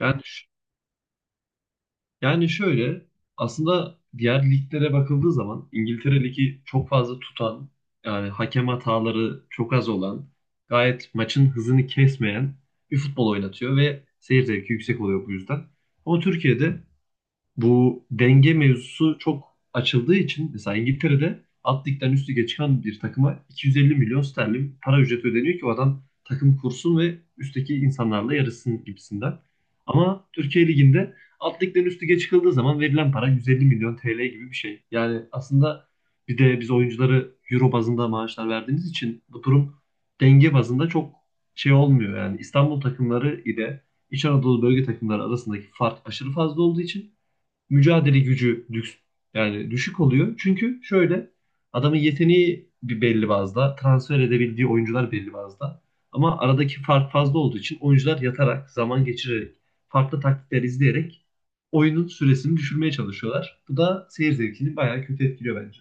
Yani, ş- yani şöyle, aslında diğer liglere bakıldığı zaman İngiltere Ligi çok fazla tutan, yani hakem hataları çok az olan, gayet maçın hızını kesmeyen bir futbol oynatıyor ve seyir zevki yüksek oluyor bu yüzden. Ama Türkiye'de bu denge mevzusu çok açıldığı için mesela İngiltere'de alt ligden üst lige çıkan bir takıma 250 milyon sterlin para ücreti ödeniyor ki o adam takım kursun ve üstteki insanlarla yarışsın gibisinden. Ama Türkiye Ligi'nde alt ligden üst lige çıkıldığı zaman verilen para 150 milyon TL gibi bir şey. Yani aslında bir de biz oyuncuları euro bazında maaşlar verdiğimiz için bu durum denge bazında çok şey olmuyor. Yani İstanbul takımları ile İç Anadolu bölge takımları arasındaki fark aşırı fazla olduğu için mücadele gücü lüks, yani düşük oluyor. Çünkü şöyle, adamın yeteneği bir belli bazda, transfer edebildiği oyuncular belli bazda. Ama aradaki fark fazla olduğu için oyuncular yatarak, zaman geçirerek, farklı taktikler izleyerek oyunun süresini düşürmeye çalışıyorlar. Bu da seyir zevkini bayağı kötü etkiliyor bence.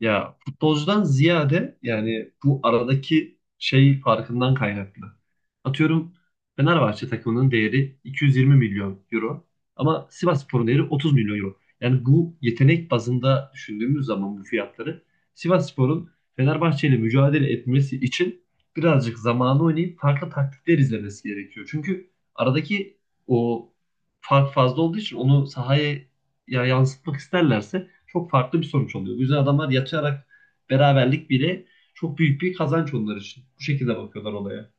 Ya futbolcudan ziyade yani bu aradaki şey farkından kaynaklı. Atıyorum Fenerbahçe takımının değeri 220 milyon euro ama Sivasspor'un değeri 30 milyon euro. Yani bu yetenek bazında düşündüğümüz zaman bu fiyatları Sivasspor'un Fenerbahçe ile mücadele etmesi için birazcık zamanı oynayıp farklı taktikler izlemesi gerekiyor. Çünkü aradaki o fark fazla olduğu için onu sahaya ya yansıtmak isterlerse çok farklı bir sonuç oluyor. O yüzden adamlar yatarak beraberlik bile çok büyük bir kazanç onlar için. Bu şekilde bakıyorlar olaya.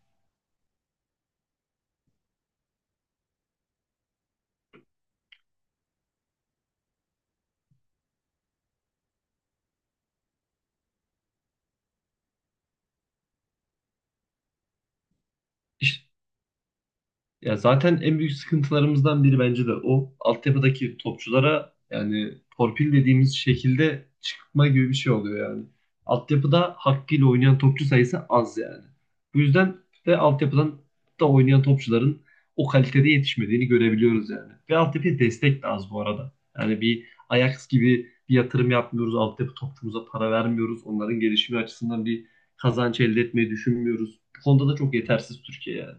İşte, ya zaten en büyük sıkıntılarımızdan biri bence de o. Altyapıdaki topçulara yani torpil dediğimiz şekilde çıkma gibi bir şey oluyor yani. Altyapıda hakkıyla oynayan topçu sayısı az yani. Bu yüzden de altyapıdan da oynayan topçuların o kalitede yetişmediğini görebiliyoruz yani. Ve altyapıya destek de az bu arada. Yani bir Ajax gibi bir yatırım yapmıyoruz. Altyapı topçumuza para vermiyoruz. Onların gelişimi açısından bir kazanç elde etmeyi düşünmüyoruz. Bu konuda da çok yetersiz Türkiye yani.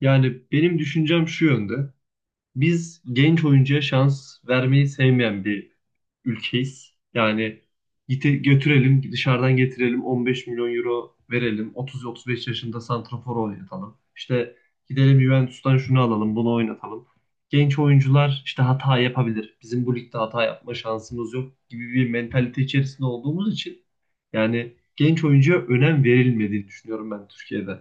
Yani benim düşüncem şu yönde. Biz genç oyuncuya şans vermeyi sevmeyen bir ülkeyiz. Yani gite, götürelim, dışarıdan getirelim, 15 milyon euro verelim, 30-35 yaşında santrafor oynatalım. İşte gidelim Juventus'tan şunu alalım, bunu oynatalım. Genç oyuncular işte hata yapabilir. Bizim bu ligde hata yapma şansımız yok gibi bir mentalite içerisinde olduğumuz için yani genç oyuncuya önem verilmediğini düşünüyorum ben Türkiye'de.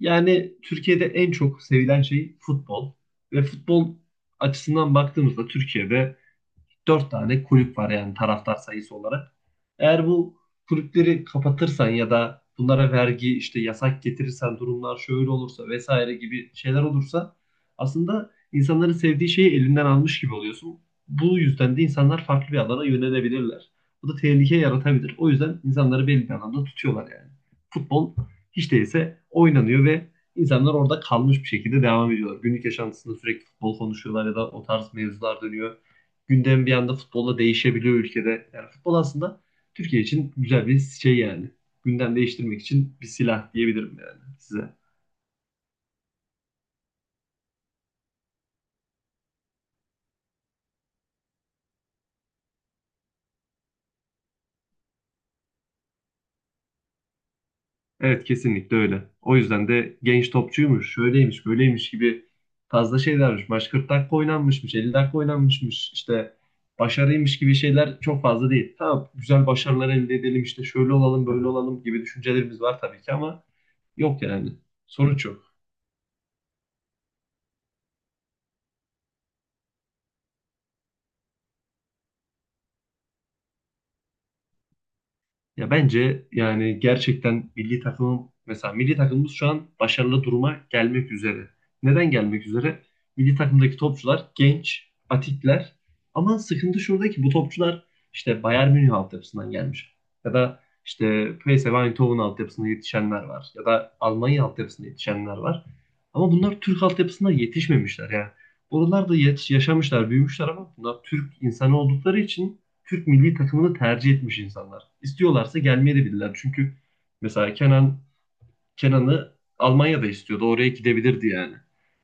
Yani Türkiye'de en çok sevilen şey futbol. Ve futbol açısından baktığımızda Türkiye'de dört tane kulüp var yani taraftar sayısı olarak. Eğer bu kulüpleri kapatırsan ya da bunlara vergi işte yasak getirirsen durumlar şöyle olursa vesaire gibi şeyler olursa aslında insanların sevdiği şeyi elinden almış gibi oluyorsun. Bu yüzden de insanlar farklı bir alana yönelebilirler. Bu da tehlike yaratabilir. O yüzden insanları belli bir alanda tutuyorlar yani. Futbol hiç değilse oynanıyor ve insanlar orada kalmış bir şekilde devam ediyorlar. Günlük yaşantısında sürekli futbol konuşuyorlar ya da o tarz mevzular dönüyor, gündem bir anda futbolla değişebiliyor ülkede. Yani futbol aslında Türkiye için güzel bir şey yani. Gündem değiştirmek için bir silah diyebilirim yani size. Evet, kesinlikle öyle. O yüzden de genç topçuymuş, şöyleymiş, böyleymiş gibi fazla şeylermiş. Maç 40 dakika oynanmışmış, 50 dakika oynanmışmış. İşte başarıymış gibi şeyler çok fazla değil. Tamam, güzel başarılar elde edelim, işte şöyle olalım, böyle olalım gibi düşüncelerimiz var tabii ki ama yok yani. Sonuç yok. Ya bence yani gerçekten milli takımın mesela milli takımımız şu an başarılı duruma gelmek üzere. Neden gelmek üzere? Milli takımdaki topçular genç, atikler ama sıkıntı şurada ki bu topçular işte Bayern Münih altyapısından gelmiş. Ya da işte PSV Eindhoven altyapısında yetişenler var. Ya da Almanya altyapısında yetişenler var. Ama bunlar Türk altyapısında yetişmemişler yani. Oralarda yaşamışlar, büyümüşler ama bunlar Türk insanı oldukları için Türk milli takımını tercih etmiş insanlar. İstiyorlarsa gelmeye de bilirler. Çünkü mesela Kenan'ı Almanya'da istiyordu. Oraya gidebilirdi yani.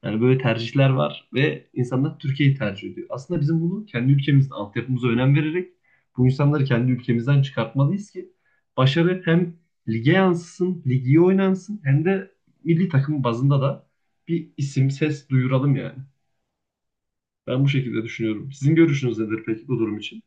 Yani böyle tercihler var ve insanlar Türkiye'yi tercih ediyor. Aslında bizim bunu kendi ülkemizde altyapımıza önem vererek bu insanları kendi ülkemizden çıkartmalıyız ki başarı hem lige yansısın, ligi iyi oynansın hem de milli takım bazında da bir isim, ses duyuralım yani. Ben bu şekilde düşünüyorum. Sizin görüşünüz nedir peki bu durum için?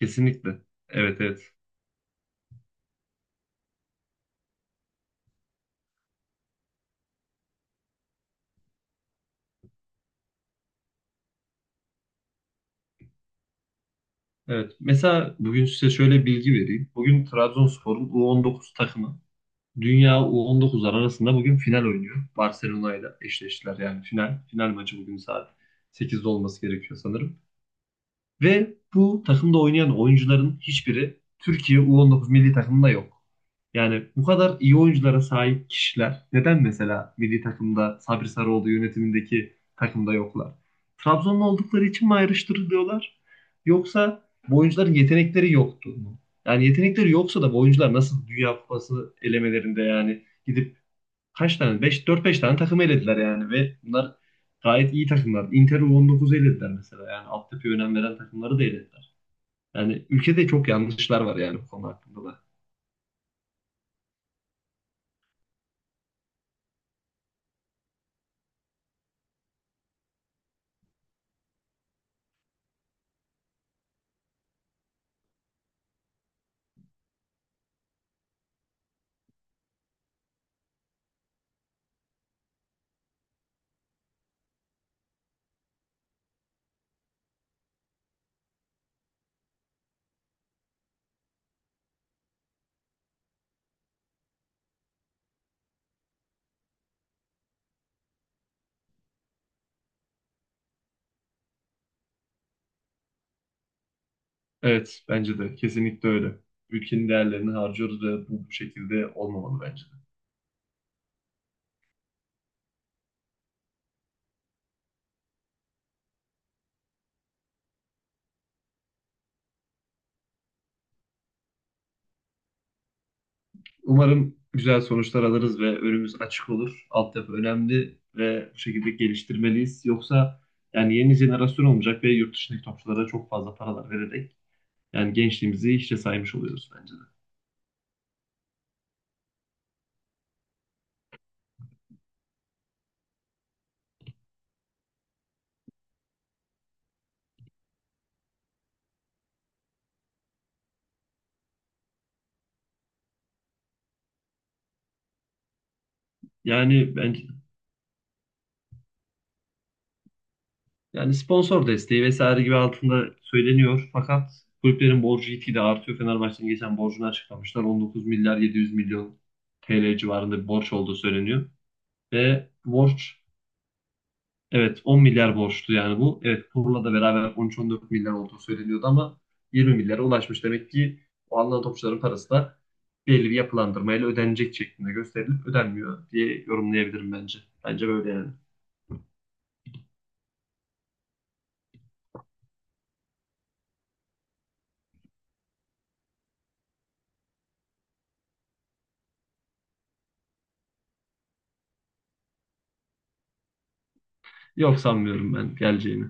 Kesinlikle. Evet, evet. Evet. Mesela bugün size şöyle bilgi vereyim. Bugün Trabzonspor'un U19 takımı Dünya U19'lar arasında bugün final oynuyor. Barcelona ile eşleştiler yani final. Final maçı bugün saat 20.00'de olması gerekiyor sanırım. Ve bu takımda oynayan oyuncuların hiçbiri Türkiye U19 milli takımında yok. Yani bu kadar iyi oyunculara sahip kişiler neden mesela milli takımda Sabri Sarıoğlu yönetimindeki takımda yoklar? Trabzonlu oldukları için mi ayrıştırılıyorlar? Yoksa bu oyuncuların yetenekleri yoktu mu? Yani yetenekleri yoksa da bu oyuncular nasıl Dünya Kupası elemelerinde yani gidip kaç tane? Beş, dört, beş tane takım elediler yani ve bunlar gayet iyi takımlar. Inter 19'u elediler mesela. Yani altyapıya önem veren takımları da elediler. Yani ülkede çok yanlışlar var yani bu konu hakkında da. Evet, bence de kesinlikle öyle. Ülkenin değerlerini harcıyoruz ve bu şekilde olmamalı bence de. Umarım güzel sonuçlar alırız ve önümüz açık olur. Altyapı önemli ve bu şekilde geliştirmeliyiz. Yoksa yani yeni jenerasyon olmayacak ve yurt dışındaki topçulara çok fazla paralar vererek yani gençliğimizi hiçe saymış oluyoruz bence de. Yani ben yani sponsor desteği vesaire gibi altında söyleniyor. Fakat kulüplerin borcu gitgide artıyor. Fenerbahçe'nin geçen borcunu açıklamışlar. 19 milyar 700 milyon TL civarında bir borç olduğu söyleniyor. Ve borç, evet, 10 milyar borçtu yani bu. Evet, kurla da beraber 13-14 milyar olduğu söyleniyordu ama 20 milyara ulaşmış. Demek ki o alınan topçuların parası da belli bir yapılandırmayla ödenecek şeklinde gösterilip ödenmiyor diye yorumlayabilirim bence. Bence böyle yani. Yok, sanmıyorum ben geleceğini.